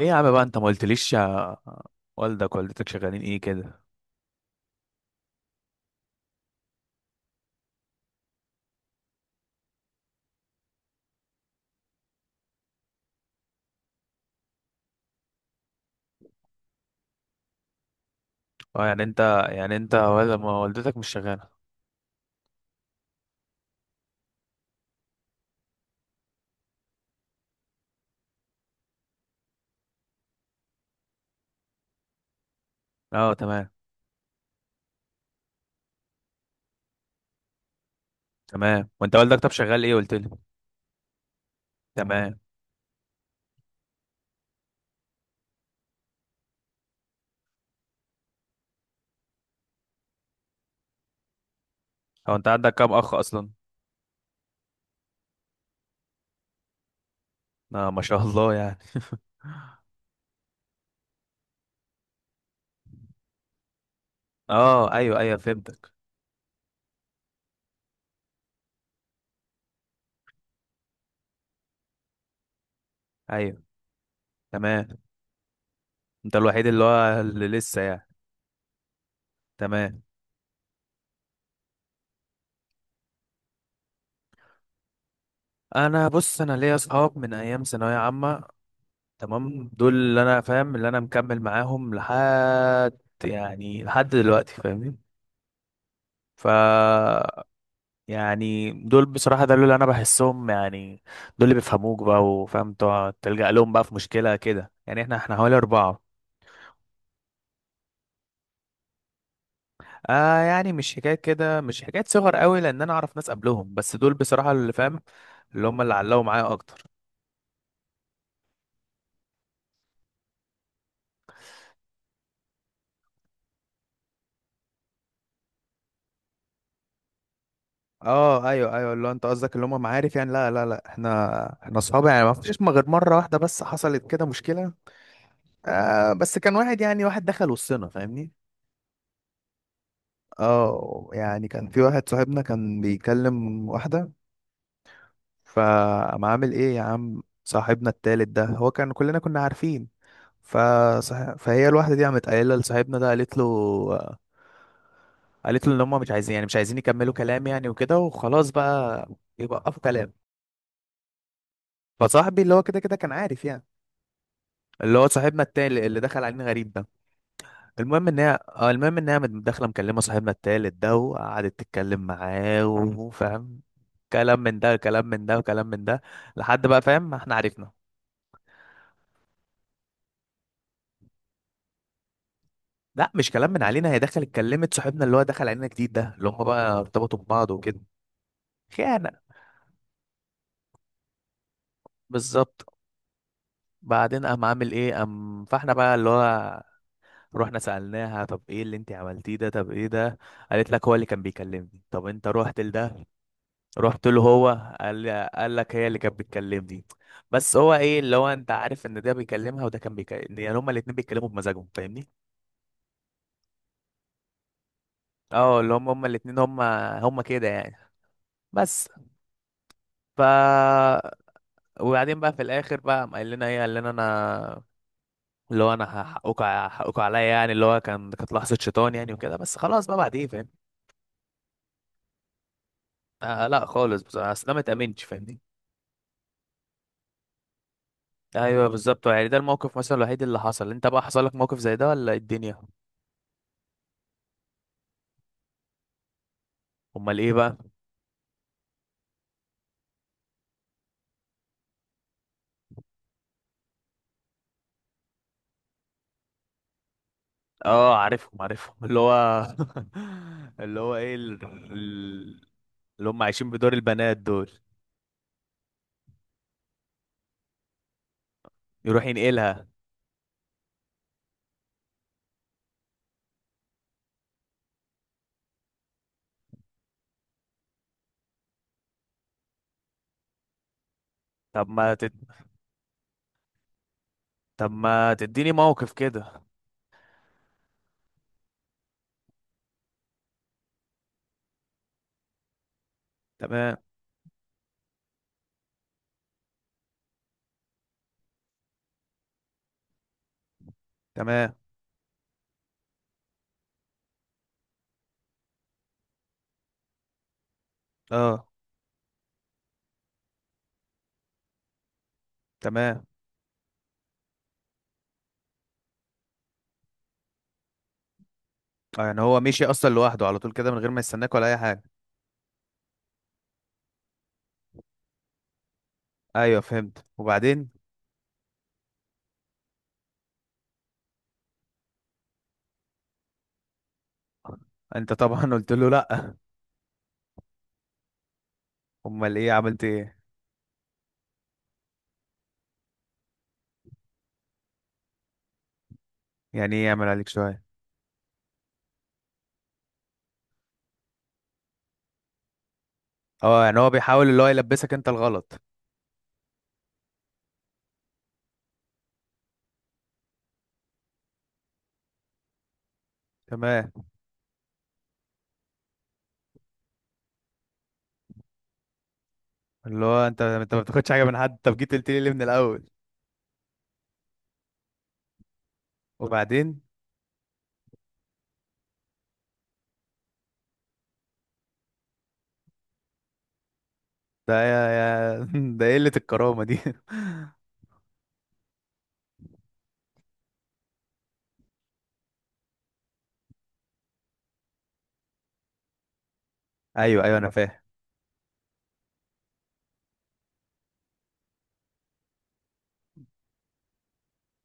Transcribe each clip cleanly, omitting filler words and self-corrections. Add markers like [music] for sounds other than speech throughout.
ايه يا عم بقى، انت ما قلتليش يا والدك والدتك شغالين ايه كده؟ اه، يعني انت يعني انت ولا ما، والدتك مش شغاله؟ اه تمام. تمام، وانت والدك طب شغال ايه قلت لي؟ تمام. هو انت عندك كام اخ اصلا؟ اه ما شاء الله يعني. اه ايوه ايوه فهمتك. ايوه. تمام. انت الوحيد اللي هو اللي لسه يعني. تمام. انا بص، انا ليا اصحاب من ايام ثانويه عامه. تمام، دول اللي انا فاهم، اللي انا مكمل معاهم لحد يعني لحد دلوقتي، فاهمني؟ ف يعني دول بصراحة ده اللي انا بحسهم يعني. دول اللي بيفهموك بقى، وفاهم تقعد تلجأ لهم بقى في مشكلة كده يعني. احنا حوالي أربعة. آه يعني مش حكاية كده، مش حكاية صغر قوي، لان انا اعرف ناس قبلهم، بس دول بصراحة اللي فاهم، اللي هم اللي علقوا معايا اكتر. اه ايوه ايوه، اللي هو انت قصدك اللي هم معارف يعني. لا لا لا، احنا اصحاب يعني. ما فيش، ما غير مره واحده بس حصلت كده مشكله. آه بس كان واحد، يعني واحد دخل وسطنا فاهمني. اه يعني كان في واحد صاحبنا كان بيكلم واحده. فقام عامل ايه يا عم، صاحبنا التالت ده هو كان، كلنا كنا عارفين. فهي الواحدة دي قامت قايلة لصاحبنا ده، قالت له، قالت له ان هم مش عايزين يعني مش عايزين يكملوا كلام يعني، وكده وخلاص بقى يوقفوا كلام. فصاحبي اللي هو كده كده كان عارف يعني، اللي هو صاحبنا التالت اللي دخل علينا غريب ده. المهم ان هي المهم ان هي قامت داخله مكلمه صاحبنا التالت ده، وقعدت تتكلم معاه وفاهم، كلام من ده كلام من ده وكلام من ده، لحد بقى فاهم ما احنا عرفنا. لا مش كلام من علينا، هي دخلت اتكلمت صاحبنا اللي هو دخل علينا جديد ده، اللي هم بقى ارتبطوا ببعض وكده. خيانة. بالظبط. بعدين قام عامل ايه، قام فاحنا بقى اللي هو رحنا سألناها، طب ايه اللي انت عملتيه ده؟ طب ايه ده؟ قالت لك هو اللي كان بيكلمني. طب انت رحت لده، رحت له، هو قال لك هي اللي كانت بتكلمني. بس هو ايه، اللي هو انت عارف ان ده بيكلمها وده كان بيكلم، يعني هما الاتنين بيتكلموا بمزاجهم فاهمني. اه، اللي هم هما الاتنين، هما كده يعني. بس. ف وبعدين بقى في الاخر بقى قام قال لنا ايه، قال لنا انا، اللي هو انا هحقكوا عليا يعني، اللي هو كان، كانت لحظه شيطان يعني وكده، بس خلاص بقى بعد ايه فاهم. آه لا خالص، بس اصل انا ما اتامنتش فاهمني. ايوه بالظبط. يعني ده الموقف مثلا الوحيد اللي حصل. انت بقى حصل لك موقف زي ده ولا إيه الدنيا؟ امال ايه بقى؟ اه عارفهم عارفهم، اللي هو [laughs] اللي هو ايه ال-، ال-، اللي هم عايشين بدور البنات دول. يروح ينقلها. طب ما تد... طب ما تديني موقف كده. تمام. تمام. اه. تمام. اه يعني هو مشي اصلا لوحده على طول كده، من غير ما يستناك ولا اي حاجه؟ ايوه فهمت، وبعدين؟ انت طبعا [laughs] قلت له لا. امال ايه عملت ايه؟ يعني ايه يعمل عليك شويه؟ اه، يعني هو بيحاول اللي هو يلبسك انت الغلط. تمام. اللي هو انت، انت ما بتاخدش حاجه من حد، طب جيت قلت لي ليه من الاول؟ وبعدين؟ ده يا يا [laughs] ده قله الكرامه دي [laughs] ايوه ايوه انا فاهم.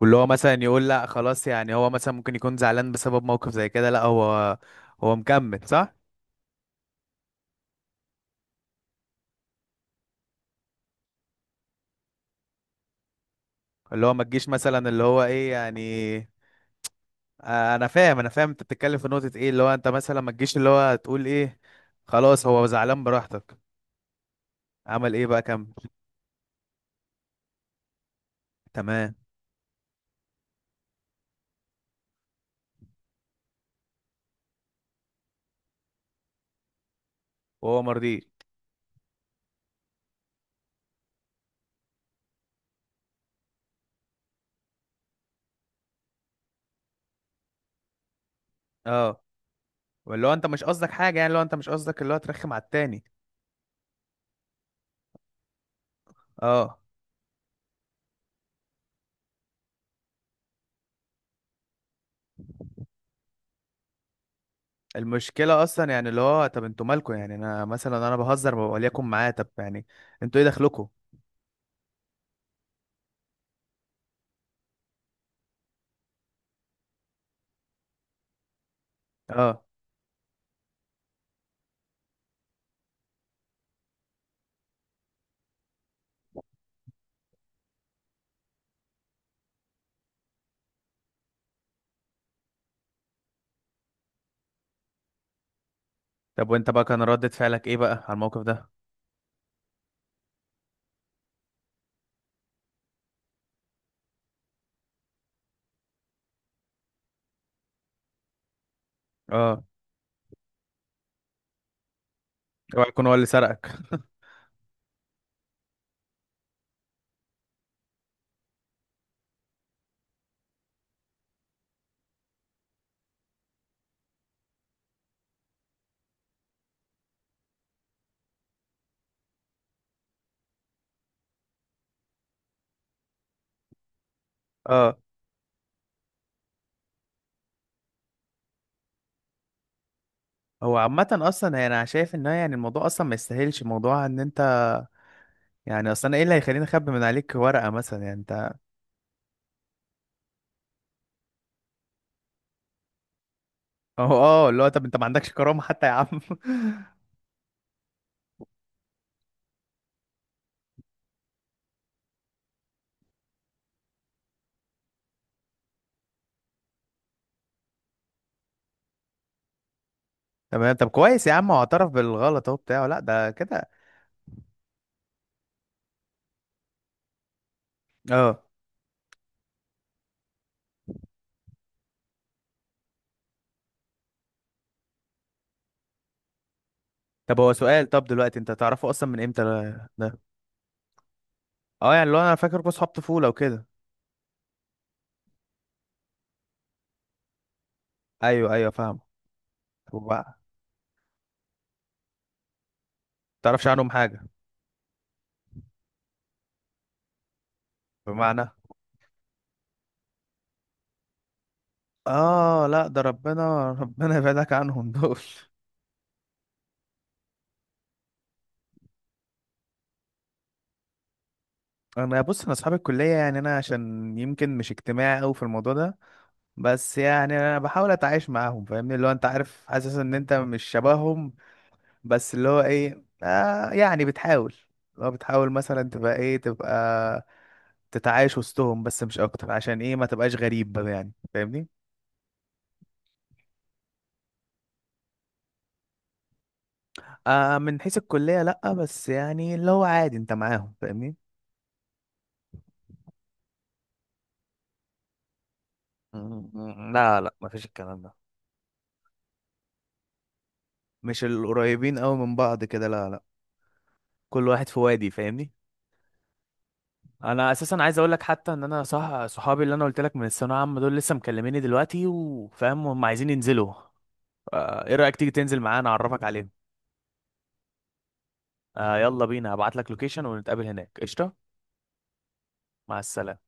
واللي هو مثلا يقول لا خلاص، يعني هو مثلا ممكن يكون زعلان بسبب موقف زي كده. لا هو، هو مكمل صح؟ اللي هو ما تجيش مثلا اللي هو ايه يعني. انا فاهم انا فاهم، انت بتتكلم في نقطة ايه، اللي هو انت مثلا ما تجيش اللي هو تقول ايه. خلاص هو زعلان براحتك. عمل ايه بقى، كمل. تمام. وهو مرضي؟ اه. واللي هو انت مش قصدك حاجة، يعني اللي هو انت مش قصدك اللي هو ترخم على التاني. اه. المشكلة اصلا يعني، اللي هو طب انتوا مالكوا يعني، انا مثلا انا بهزر وليكن معاه، طب يعني انتوا ايه دخلكوا؟ اه. طب وانت بقى كان ردة فعلك ايه بقى على الموقف ده؟ اه. اوعى يكون هو اللي سرقك. اه. هو عامة اصلا، يعني انا شايف ان هو، يعني الموضوع اصلا ما يستاهلش موضوع ان انت، يعني اصل انا ايه اللي هيخليني اخبي من عليك ورقه مثلا، يعني انت [laughs] اهو. اه، اللي هو طب انت ما عندكش كرامه حتى يا عم؟ [laughs] تمام. طب كويس يا عم هو اعترف بالغلط اهو بتاعه، لا ده كده. اه. طب هو سؤال، طب دلوقتي انت تعرفه اصلا من امتى ده؟ اه يعني اللي هو انا فاكركوا اصحاب طفوله وكده. ايوه ايوه فاهم. وبقى تعرفش عنهم حاجه؟ بمعنى؟ اه لا ده ربنا ربنا يبعدك عنهم دول [laughs] انا بص، انا اصحاب الكليه يعني، انا عشان يمكن مش اجتماعي قوي في الموضوع ده، بس يعني انا بحاول اتعايش معاهم فاهمني، اللي هو انت عارف حاسس ان انت مش شبههم. بس اللي هو ايه آه يعني بتحاول، اللي هو بتحاول مثلا تبقى ايه، تبقى تتعايش وسطهم بس مش اكتر، عشان ايه ما تبقاش غريب بقى يعني فاهمني. آه من حيث الكلية لأ، بس يعني اللي هو عادي انت معاهم فاهمني. م-، م-، لا لا، مفيش الكلام ده، مش القريبين قوي من بعض كده، لا لا. كل واحد في وادي فاهمني. انا اساسا عايز اقول لك حتى ان انا صح، صحابي اللي انا قلت لك من الثانويه العامه دول، لسه مكلميني دلوقتي وفاهم هم عايزين ينزلوا. ايه رايك تيجي تنزل معانا اعرفك عليهم؟ يلا بينا، هبعت لك لوكيشن ونتقابل هناك قشطه. مع السلامه.